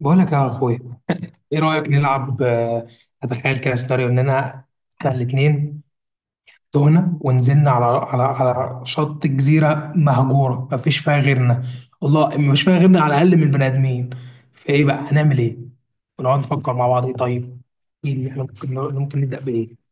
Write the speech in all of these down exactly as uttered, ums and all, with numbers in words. بقول لك يا اخويا، ايه رايك نلعب؟ آه، اتخيل كده سيناريو اننا احنا الاثنين تهنا ونزلنا على على على شط جزيره مهجوره ما فيش فيها غيرنا. والله ما فيش فيها غيرنا على الاقل من البني ادمين. فايه بقى هنعمل ايه؟ ونقعد نفكر مع بعض ايه. طيب ايه اللي احنا ممكن ممكن نبدا بايه؟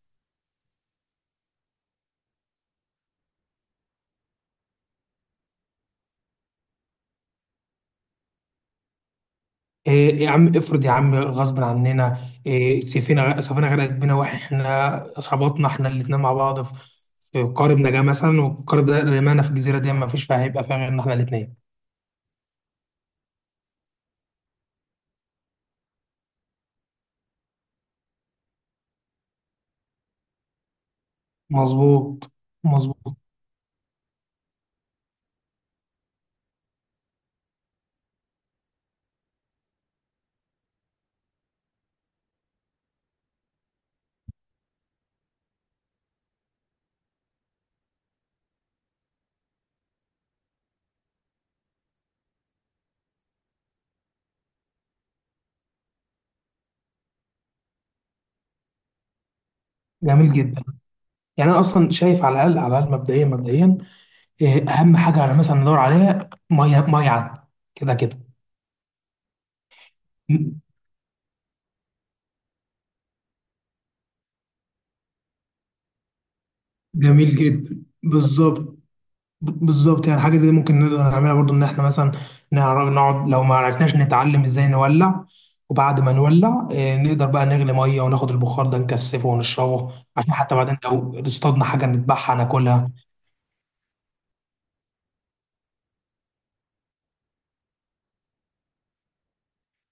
إيه إيه، يا عم افرض يا عم غصب عننا إيه. سفينة سفينة غرقت بينا واحنا صحباتنا احنا الاتنين مع بعض في في قارب نجاة مثلا، والقارب ده رمانا في الجزيرة دي، ما فيش فيها، هيبقى فيها غيرنا احنا الاتنين. مظبوط، مظبوط. جميل جدا. يعني انا اصلا شايف على الاقل على الاقل مبدئيا مبدئيا إيه اهم حاجة، على مثلا ندور عليها مية مية عذبة. كده كده. جميل جدا، بالظبط. ب- بالظبط، يعني حاجه زي دي ممكن نقدر نعملها برضو، ان احنا مثلا نعرف نقعد. لو ما عرفناش نتعلم ازاي نولع، وبعد ما نولع آه، نقدر بقى نغلي ميه وناخد البخار ده نكثفه ونشربه، عشان حتى بعدين لو اصطادنا حاجه نذبحها ناكلها.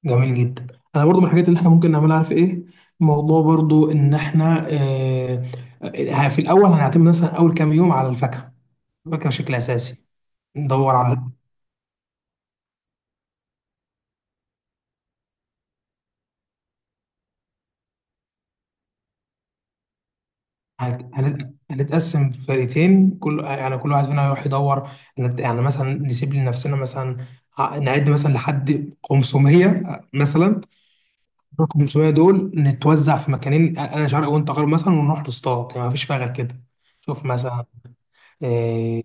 جميل جدا. انا برضو من الحاجات اللي احنا ممكن نعملها، عارف ايه؟ موضوع برضو ان احنا آه، آه، في الاول هنعتمد مثلا اول كام يوم على الفاكهه، الفاكهه بشكل اساسي. ندور على هت- هنت- هنتقسم فرقتين، كل يعني كل واحد فينا هيروح يدور. نت- يعني مثلا نسيب لنفسنا مثلا ع- نعد مثلا لحد خمسمية مثلا. ال خمسمية دول نتوزع في مكانين، انا شرق وانت غرب مثلا، ونروح نصطاد، يعني مفيش فيها غير كده. شوف مثلا إيه.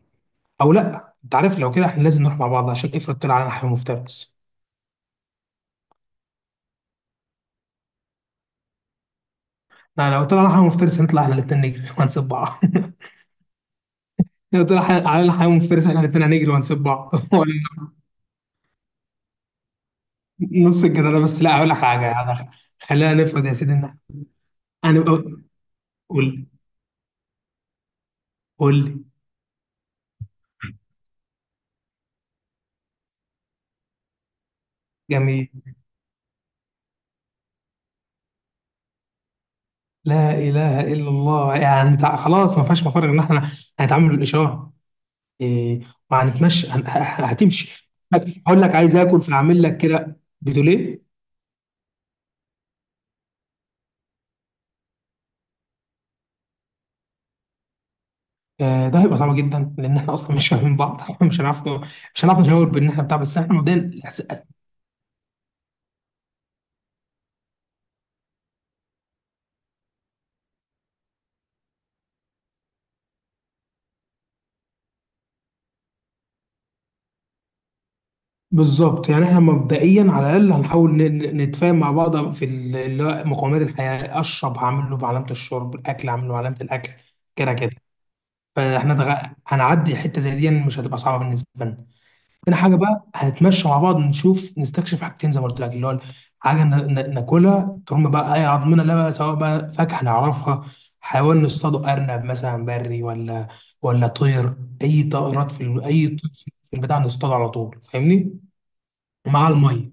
او لا، انت عارف لو كده احنا لازم نروح مع بعض، عشان افرض طلع علينا حيوان مفترس. لا، لو طلع علينا حيوان مفترس هنطلع احنا الاثنين نجري وهنسيب بعض. لو طلع حي- علينا حيوان مفترس احنا الاثنين هنجري وهنسيب بعض نص الجدارة. بس لا هقول لك حاجة يعني، خلينا نفرض يا سيدي ان انا، قول. قول، قول لي. جميل. لا إله إلا الله. يعني تع- خلاص ما فيهاش مفر غير إن إحنا هنتعامل بالإشارة. إيه. وهنتمشى هن- ه- هتمشي، طيب هقول لك عايز آكل فأعمل لك كده، بتقول إيه؟ آه، ده هيبقى صعب جدا لأن إحنا أصلا مش فاهمين بعض إحنا مش هنعرف، مش هنعرف نشاور بإن إحنا بتاع، بس إحنا مبدئيا بالظبط. يعني احنا مبدئيا على الاقل هنحاول ن- ن- نتفاهم مع بعض في ال- اللي هو مقومات الحياه. اشرب هعمل له بعلامه الشرب، الاكل هعمل له بعلامه الاكل. كده كده. فاحنا دغ... هنعدي حته زي دي مش هتبقى صعبه بالنسبه لنا. تاني حاجه بقى هنتمشى مع بعض نشوف نستكشف حاجتين زي ما قلت لك، اللي هو حاجه ن... ن- ناكلها ترم بقى اي عضمنا، لا بقى سواء بقى فاكهه نعرفها، حيوان نصطاده ارنب مثلا بري، ولا ولا طير، اي طائرات في ال... اي طير في البتاع نصطاده على طول، فاهمني. ومع الميه،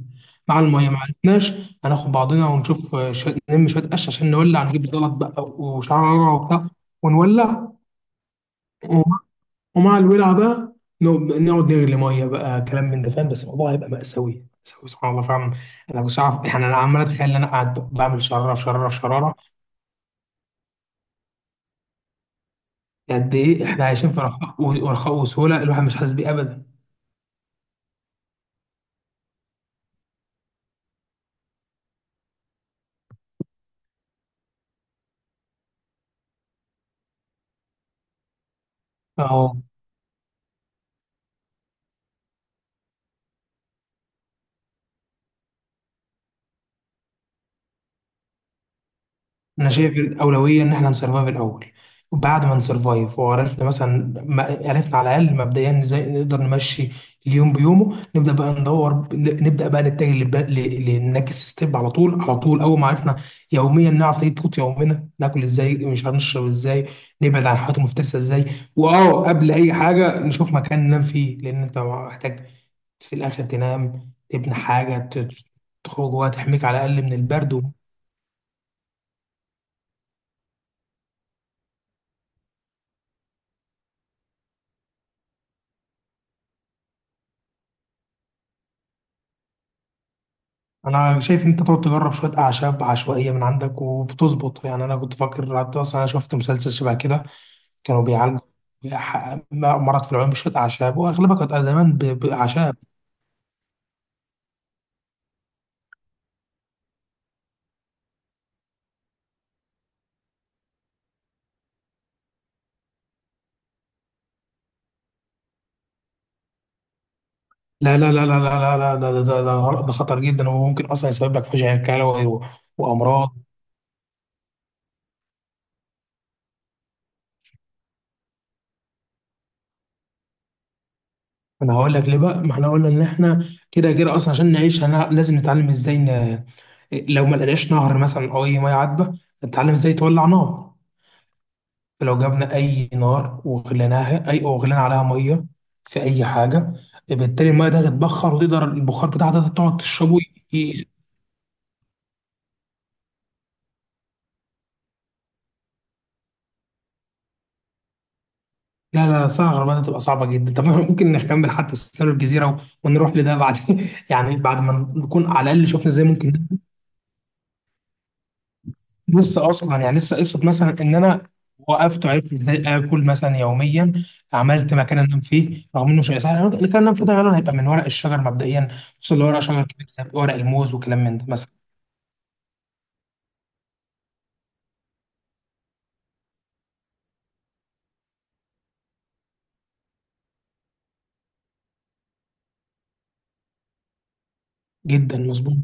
مع الميه ما عرفناش، هناخد بعضنا ونشوف آه، ش- نلم شويه قش عشان نولع، نجيب زلط بقى وشعره وبتاع ونولع. ومع ومع الولعه بقى، نقعد نقعد نغلي ميه بقى، كلام من ده فاهم، بس الموضوع هيبقى مأساوي مأساوي سبحان الله فعلا. انا مش عارف، يعني انا عمال اتخيل ان انا قاعد بعمل شراره في شراره في شراره. قد ايه احنا عايشين في رخاء و- ورخاء وسهوله، الواحد مش حاسس بيه ابدا. اه، انا شايف الاولويه ان احنا نسرفايف الاول، وبعد ما نسرفايف وعرفنا مثلا، ما عرفنا على الاقل مبدئيا ازاي نقدر نمشي اليوم بيومه، نبدا بقى ندور، نبدا بقى نتجه للب- ل- للنكست ستيب على طول. على طول اول ما عرفنا يوميا نعرف نجيب قوت يومنا، ناكل ازاي، مش هنشرب ازاي، نبعد عن الحاجات المفترسه ازاي. واه، قبل اي حاجه نشوف مكان ننام فيه، لان انت محتاج في الاخر تنام، تبني حاجه ت- تخرج جواها تحميك على الاقل من البرد. انا شايف انت تقعد تجرب شويه اعشاب عشوائيه من عندك وبتظبط، يعني انا كنت فاكر حتى، اصلا انا شفت مسلسل شبه كده، كانوا بيعالجوا ح- مرض في العيون بشويه اعشاب، واغلبها كانت زمان ب- باعشاب. لا لا لا لا لا لا لا ده ده ده ده ده خطر جدا، وممكن اصلا يسبب لك فشل كلوي و- وامراض انا هقول لك ليه بقى، ما احنا قلنا ان احنا كده كده اصلا عشان نعيش هنا لازم نتعلم ازاي ن... لو ما لقيناش نهر مثلا او اي ميه عذبه، نتعلم ازاي تولع نار. لو جبنا اي نار وغليناها، اي وغلينا عليها ميه في اي حاجه، بالتالي الميه ده هتتبخر وتقدر البخار بتاعها ده تقعد تشربه. ي... لا لا لا، صراحه الغربله هتبقى صعبه جدا، طب إحنا ممكن نكمل حتى سيناريو الجزيره ونروح لده بعد يعني بعد ما نكون على الاقل شفنا ازاي ممكن لسه اصلا، يعني لسه قصه مثلا ان انا وقفت وعرفت ازاي اكل مثلا يوميا، عملت مكان انام فيه رغم انه شيء سهل، المكان اللي انام فيه ده غالبا هيبقى من ورق الشجر مبدئيا، خصوصا لو ورق شجر كده ورق الموز وكلام من ده مثلا. جدا مظبوط.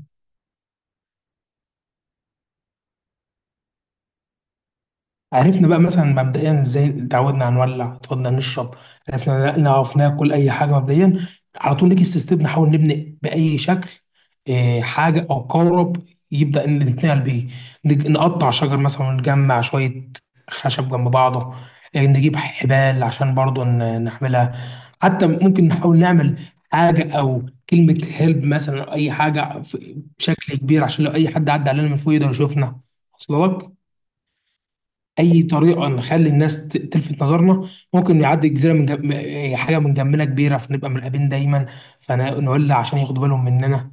عرفنا بقى مثلا مبدئيا ازاي اتعودنا هنولع، اتفضل نشرب، عرفنا نعرف ناكل اي حاجه مبدئيا، على طول نيجي ستيب نحاول نبني باي شكل آه، حاجه او قارب يبدا ان نتنقل بيه. نج- نقطع شجر مثلا ونجمع شويه خشب جنب بعضه، آه، نجيب حبال عشان برضه ن- نحملها. حتى ممكن نحاول نعمل حاجه او كلمه هيلب مثلا، أو اي حاجه في- بشكل كبير، عشان لو اي حد عدى علينا من فوق يقدر يشوفنا، وصل لك؟ اي طريقه نخلي الناس ت- تلفت نظرنا، ممكن يعدي جزيره من جم... م- حاجه من جنبنا كبيره، فنبقى مرقبين دايما، فنولع عشان ياخدوا بالهم مننا.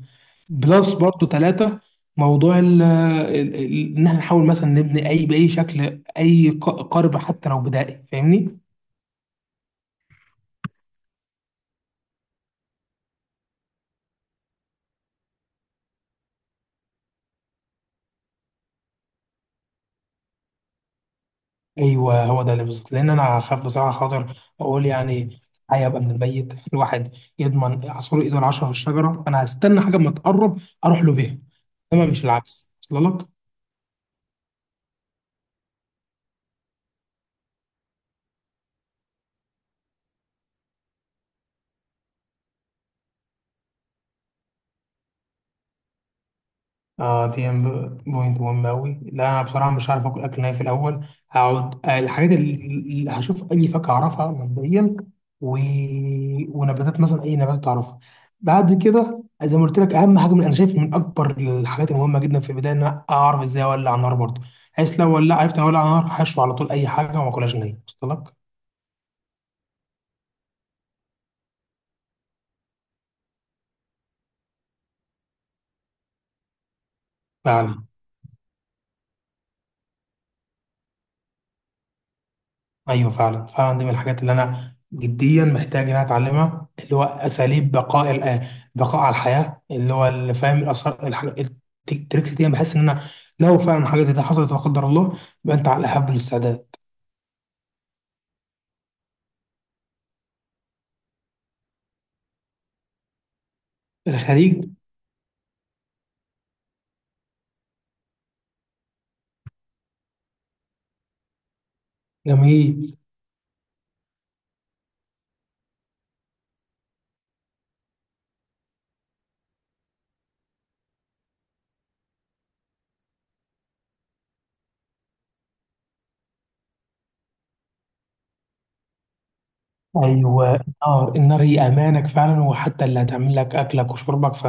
بلس برضو ثلاثه، موضوع ال- ال- ال- ان احنا نحاول مثلا نبني اي باي شكل اي ق- قارب حتى لو بدائي، فاهمني. ايوه هو ده اللي بالظبط، لان انا خاف بصراحه خاطر اقول يعني، هيبقى من الميت الواحد يضمن عصفور ايده العشره في الشجره. انا هستنى حاجه اما تقرب اروح له بيها، انما مش العكس، وصل لك؟ اه، دي ام- بوينت مهمة أوي. لا أنا بصراحة مش عارف آكل أكل ناي في الأول، هقعد آه، الحاجات اللي اللي هشوف أي فاكهة أعرفها مبدئيا و... ونباتات مثلا، أي نبات أعرفها. بعد كده زي ما قلت لك، أهم حاجة من أنا شايف من أكبر الحاجات المهمة جدا في البداية إن أنا أعرف إزاي أولع نار برضه، بحيث لو ولع عرفت أولع نار هشوي على طول أي حاجة وما أكلهاش نية، وصلت لك؟ فعلا. ايوه فعلا فعلا، دي من الحاجات اللي انا جديا محتاج ان انا اتعلمها، اللي هو اساليب بقاء ال- بقاء على الحياه، اللي هو اللي فاهم الاثار التريكس دي. أنا بحس ان انا لو فعلا حاجه زي دي حصلت لا قدر الله، يبقى انت على الاحب الاستعداد. الخليج. جميل. ايوه النار، النار هي امانك فعلا، وحتى اللي هتعمل لك اكلك وشربك ف.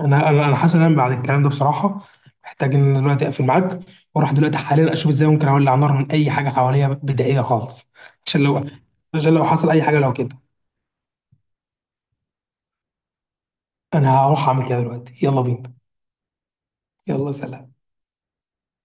انا انا أنا حاسس ان انا بعد الكلام ده بصراحه محتاج ان أنا دلوقتي اقفل معاك واروح دلوقتي حاليا اشوف ازاي ممكن اولع نار من اي حاجه حواليا بدائيه خالص. عشان لو عشان لو حصل اي حاجه لو كده، انا هروح اعمل كده دلوقتي. يلا بينا. يلا سلام.